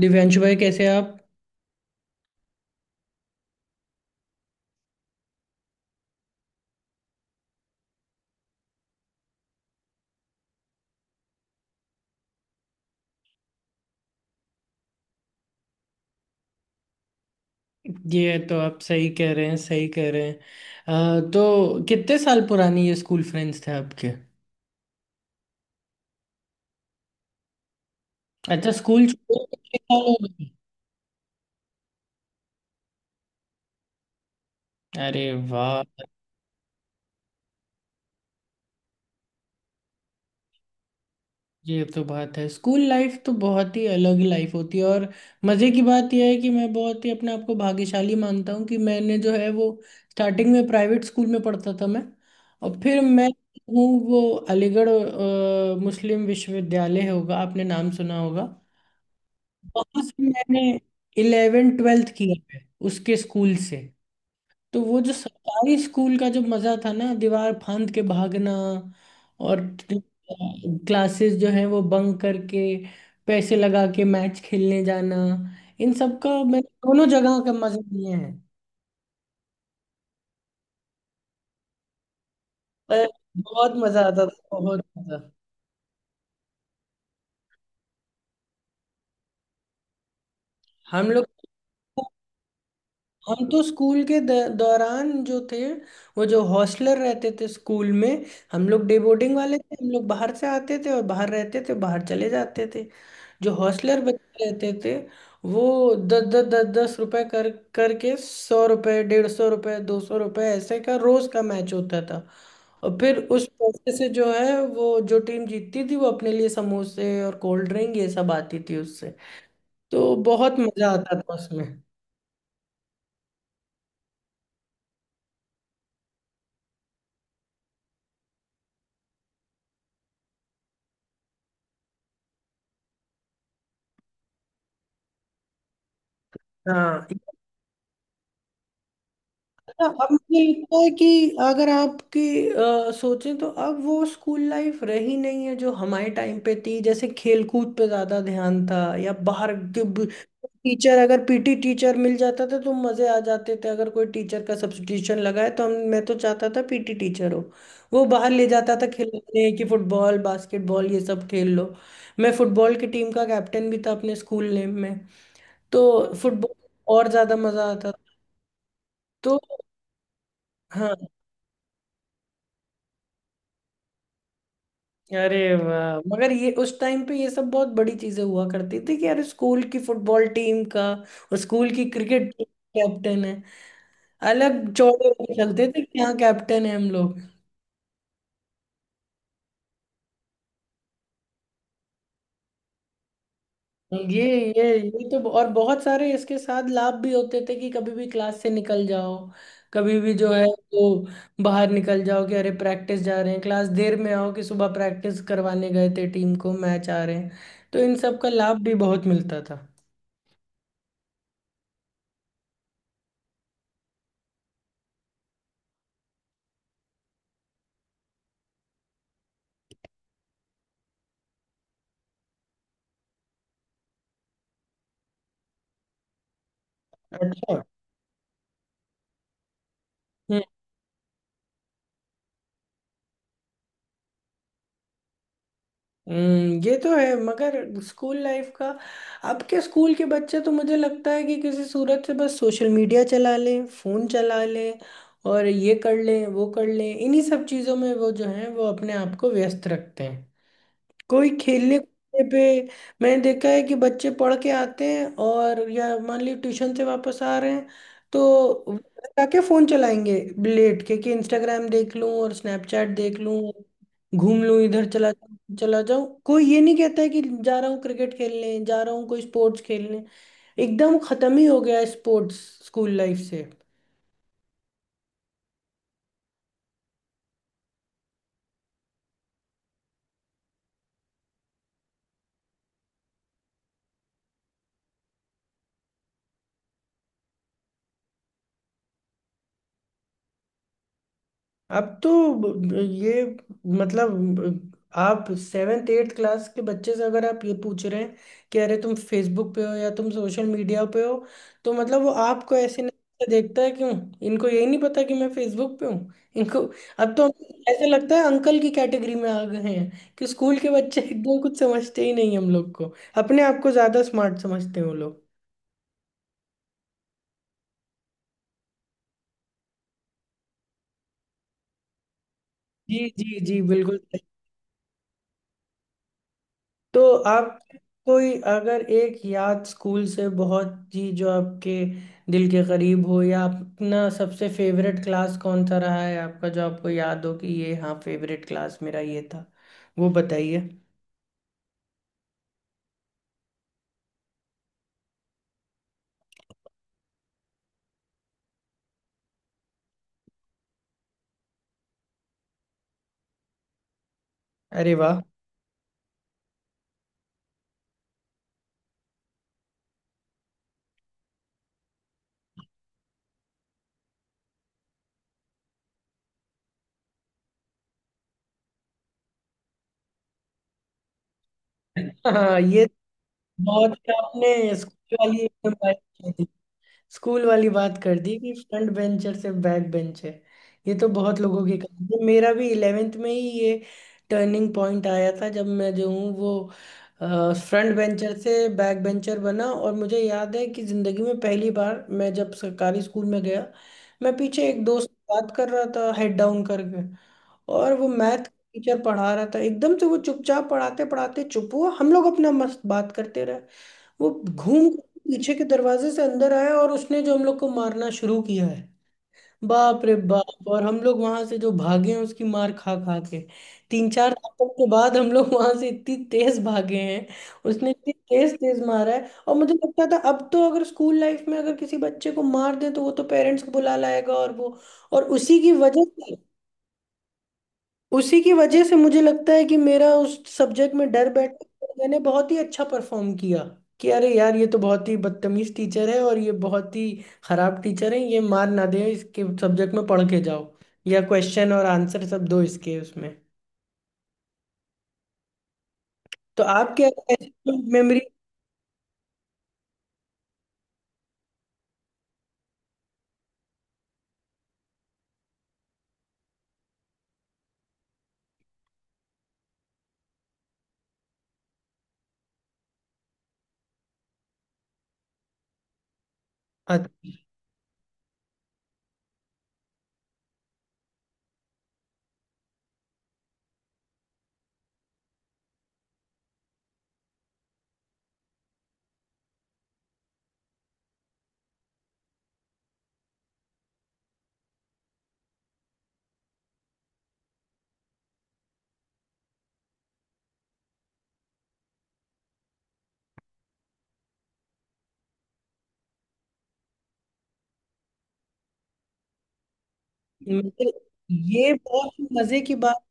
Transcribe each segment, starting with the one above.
दिव्यांशु भाई, कैसे आप? ये तो आप सही कह रहे हैं, सही कह रहे हैं। तो कितने साल पुरानी ये स्कूल फ्रेंड्स थे आपके? अच्छा, स्कूल छोड़े कितने साल हो गए? अरे वाह। ये तो बात है, स्कूल लाइफ तो बहुत ही अलग लाइफ होती है। और मज़े की बात यह है कि मैं बहुत ही अपने आप को भाग्यशाली मानता हूँ कि मैंने जो है वो स्टार्टिंग में प्राइवेट स्कूल में पढ़ता था मैं। और फिर मैं हूँ वो अलीगढ़ मुस्लिम विश्वविद्यालय, होगा आपने नाम सुना होगा। बहुत से मैंने 11th 12th किया है उसके स्कूल से। तो वो जो सरकारी स्कूल का जो मजा था ना, दीवार फांद के भागना और क्लासेस जो है वो बंक करके पैसे लगा के मैच खेलने जाना, इन सब का मैंने दोनों जगह का मजा लिए हैं। पर बहुत मजा आता था, बहुत मजा। हम लोग हम तो स्कूल के दौरान जो थे वो जो हॉस्टलर रहते थे स्कूल में। हम लोग डे बोर्डिंग वाले थे, हम लोग बाहर से आते थे और बाहर रहते थे, बाहर चले जाते थे। जो हॉस्टलर बच्चे रहते थे, वो दस दस रुपए कर करके 100 रुपए, 150 रुपए, 200 रुपए, ऐसे का रोज का मैच होता था। और फिर उस पैसे से जो है वो जो टीम जीतती थी वो अपने लिए समोसे और कोल्ड ड्रिंक ये सब आती थी उससे। तो बहुत मजा आता था उसमें। हाँ। हाँ, अब मुझे लगता है कि अगर आपकी सोचें तो अब वो स्कूल लाइफ रही नहीं है जो हमारे टाइम पे थी, जैसे खेलकूद पे ज्यादा ध्यान था या बाहर टीचर, अगर पीटी टीचर मिल जाता था तो मजे आ जाते थे। अगर कोई टीचर का सब्स्टिट्यूशन लगाए तो हम मैं तो चाहता था पीटी टीचर हो, वो बाहर ले जाता था खेलने कि फुटबॉल, बास्केटबॉल, ये सब खेल लो। मैं फुटबॉल की टीम का कैप्टन भी था अपने स्कूल नेम में। तो फुटबॉल और ज्यादा मजा आता था। तो हाँ। अरे वाह, मगर ये उस टाइम पे ये सब बहुत बड़ी चीजें हुआ करती थी कि यार स्कूल की फुटबॉल टीम का और स्कूल की क्रिकेट टीम कैप्टन है, अलग चौड़े होके चलते थे कि हाँ कैप्टन है हम लोग। ये ये तो और बहुत सारे इसके साथ लाभ भी होते थे कि कभी भी क्लास से निकल जाओ, कभी भी जो है वो बाहर निकल जाओ, कि अरे प्रैक्टिस जा रहे हैं क्लास देर में आओ, कि सुबह प्रैक्टिस करवाने गए थे टीम को, मैच आ रहे हैं। तो इन सब का लाभ भी बहुत मिलता था। अच्छा। हम्म, ये तो है, मगर स्कूल लाइफ का अब के स्कूल के बच्चे तो मुझे लगता है कि किसी सूरत से बस सोशल मीडिया चला लें, फोन चला लें और ये कर लें वो कर लें, इन्हीं सब चीज़ों में वो जो है वो अपने आप को व्यस्त रखते हैं। कोई खेलने कूदने पे मैंने देखा है कि बच्चे पढ़ के आते हैं और या मान ली ट्यूशन से वापस आ रहे हैं तो वो जाके फोन चलाएंगे, लेट के, कि इंस्टाग्राम देख लूं और स्नैपचैट देख लूं, घूम लूं इधर, चला जाऊं चला जाऊं, कोई ये नहीं कहता है कि जा रहा हूँ क्रिकेट खेलने, जा रहा हूँ कोई स्पोर्ट्स खेलने। एकदम खत्म ही हो गया है स्पोर्ट्स स्कूल लाइफ से। अब तो ये मतलब आप सेवेंथ एट्थ क्लास के बच्चे से अगर आप ये पूछ रहे हैं कि अरे तुम फेसबुक पे हो या तुम सोशल मीडिया पे हो, तो मतलब वो आपको ऐसे नहीं देखता है, क्यों? इनको यही नहीं पता कि मैं फेसबुक पे हूँ इनको। अब तो ऐसे लगता है अंकल की कैटेगरी में आ गए हैं, कि स्कूल के बच्चे एकदम कुछ समझते ही नहीं हम लोग को, अपने आप को ज्यादा स्मार्ट समझते हैं वो लोग। जी जी जी, बिल्कुल। तो आप कोई अगर एक याद स्कूल से बहुत ही जो आपके दिल के करीब हो, या अपना सबसे फेवरेट क्लास कौन सा रहा है आपका जो आपको याद हो कि ये हाँ फेवरेट क्लास मेरा ये था, वो बताइए। अरे वाह। हाँ, ये तो बहुत, आपने स्कूल वाली एकदम बात, स्कूल वाली बात कर दी कि फ्रंट बेंचर से बैक बेंच है। ये तो बहुत लोगों की कहानी है, मेरा भी इलेवेंथ में ही ये टर्निंग पॉइंट आया था जब मैं जो हूँ वो फ्रंट बेंचर से बैक बेंचर बना, और मुझे याद है कि ज़िंदगी में पहली बार मैं जब सरकारी स्कूल में गया, मैं पीछे एक दोस्त से बात कर रहा था हेड डाउन करके, और वो मैथ टीचर पढ़ा रहा था। एकदम से वो चुपचाप पढ़ाते पढ़ाते चुप हुआ, हम लोग अपना मस्त बात करते रहे, वो घूम के पीछे के दरवाजे से अंदर आया और उसने जो हम लोग को मारना शुरू किया है, बाप रे बाप। और हम लोग वहां से जो भागे हैं उसकी मार खा खा के, तीन चार थप्पड़ के बाद हम लोग वहां से इतनी तेज भागे हैं। उसने इतनी तेज तेज मारा है, और मुझे लगता था अब तो अगर स्कूल लाइफ में अगर किसी बच्चे को मार दे तो वो तो पेरेंट्स को बुला लाएगा, और वो, और उसी की वजह से मुझे लगता है कि मेरा उस सब्जेक्ट में डर बैठ गया। मैंने बहुत ही अच्छा परफॉर्म किया, कि अरे यार ये तो बहुत ही बदतमीज टीचर है और ये बहुत ही खराब टीचर है, ये मार ना दे, इसके सब्जेक्ट में पढ़ के जाओ या क्वेश्चन और आंसर सब दो इसके उसमें। तो आप क्या मेमोरी, ये बहुत मजे की बात।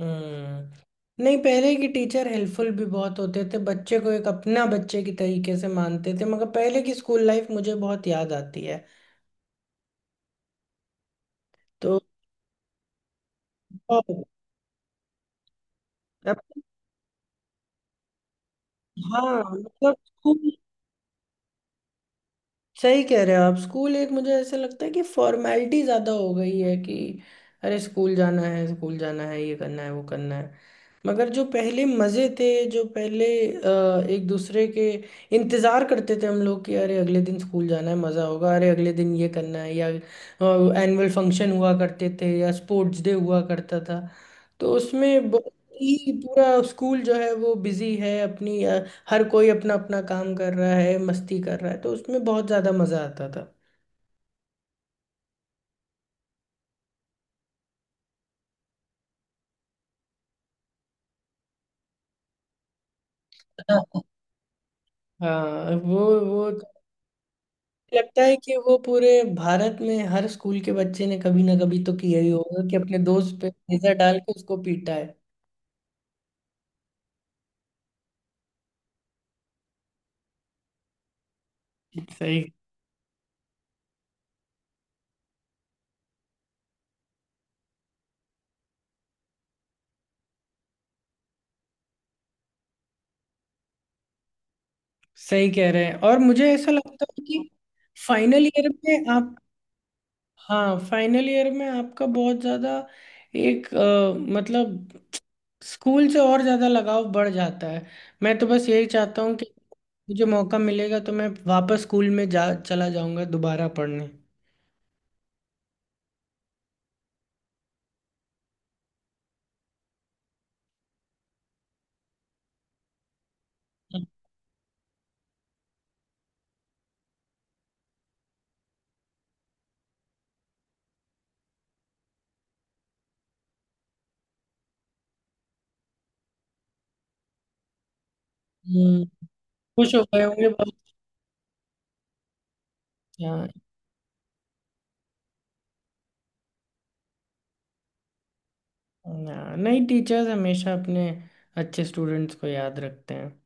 हम्म, नहीं पहले के टीचर हेल्पफुल भी बहुत होते थे, बच्चे को एक अपना बच्चे की तरीके से मानते थे, मगर पहले की स्कूल लाइफ मुझे बहुत याद आती है। तो अब- हाँ मतलब स्कूल, सही कह रहे हो आप। स्कूल एक मुझे ऐसा लगता है कि फॉर्मेलिटी ज्यादा हो गई है, कि अरे स्कूल जाना है, स्कूल जाना है, ये करना है, वो करना है, मगर जो पहले मजे थे, जो पहले एक दूसरे के इंतजार करते थे हम लोग कि अरे अगले दिन स्कूल जाना है मजा होगा, अरे अगले दिन ये करना है, या एनुअल फंक्शन हुआ करते थे या स्पोर्ट्स डे हुआ करता था। तो उसमें बहुत ही पूरा स्कूल जो है वो बिजी है अपनी हर कोई अपना अपना काम कर रहा है, मस्ती कर रहा है, तो उसमें बहुत ज्यादा मजा आता था। हाँ। हाँ, वो लगता है कि वो पूरे भारत में हर स्कूल के बच्चे ने कभी ना कभी तो किया ही होगा कि अपने दोस्त पे लेजर डाल के उसको पीटा है। सही, सही कह रहे हैं, और मुझे ऐसा लगता है कि फाइनल ईयर में आप, हाँ फाइनल ईयर में आपका बहुत ज़्यादा एक मतलब स्कूल से और ज़्यादा लगाव बढ़ जाता है। मैं तो बस यही चाहता हूँ कि मुझे मौका मिलेगा तो मैं वापस स्कूल में जा चला जाऊंगा दोबारा पढ़ने। हम्म। खुश हो गए होंगे बहुत। हाँ। नहीं, टीचर्स हमेशा अपने अच्छे स्टूडेंट्स को याद रखते हैं।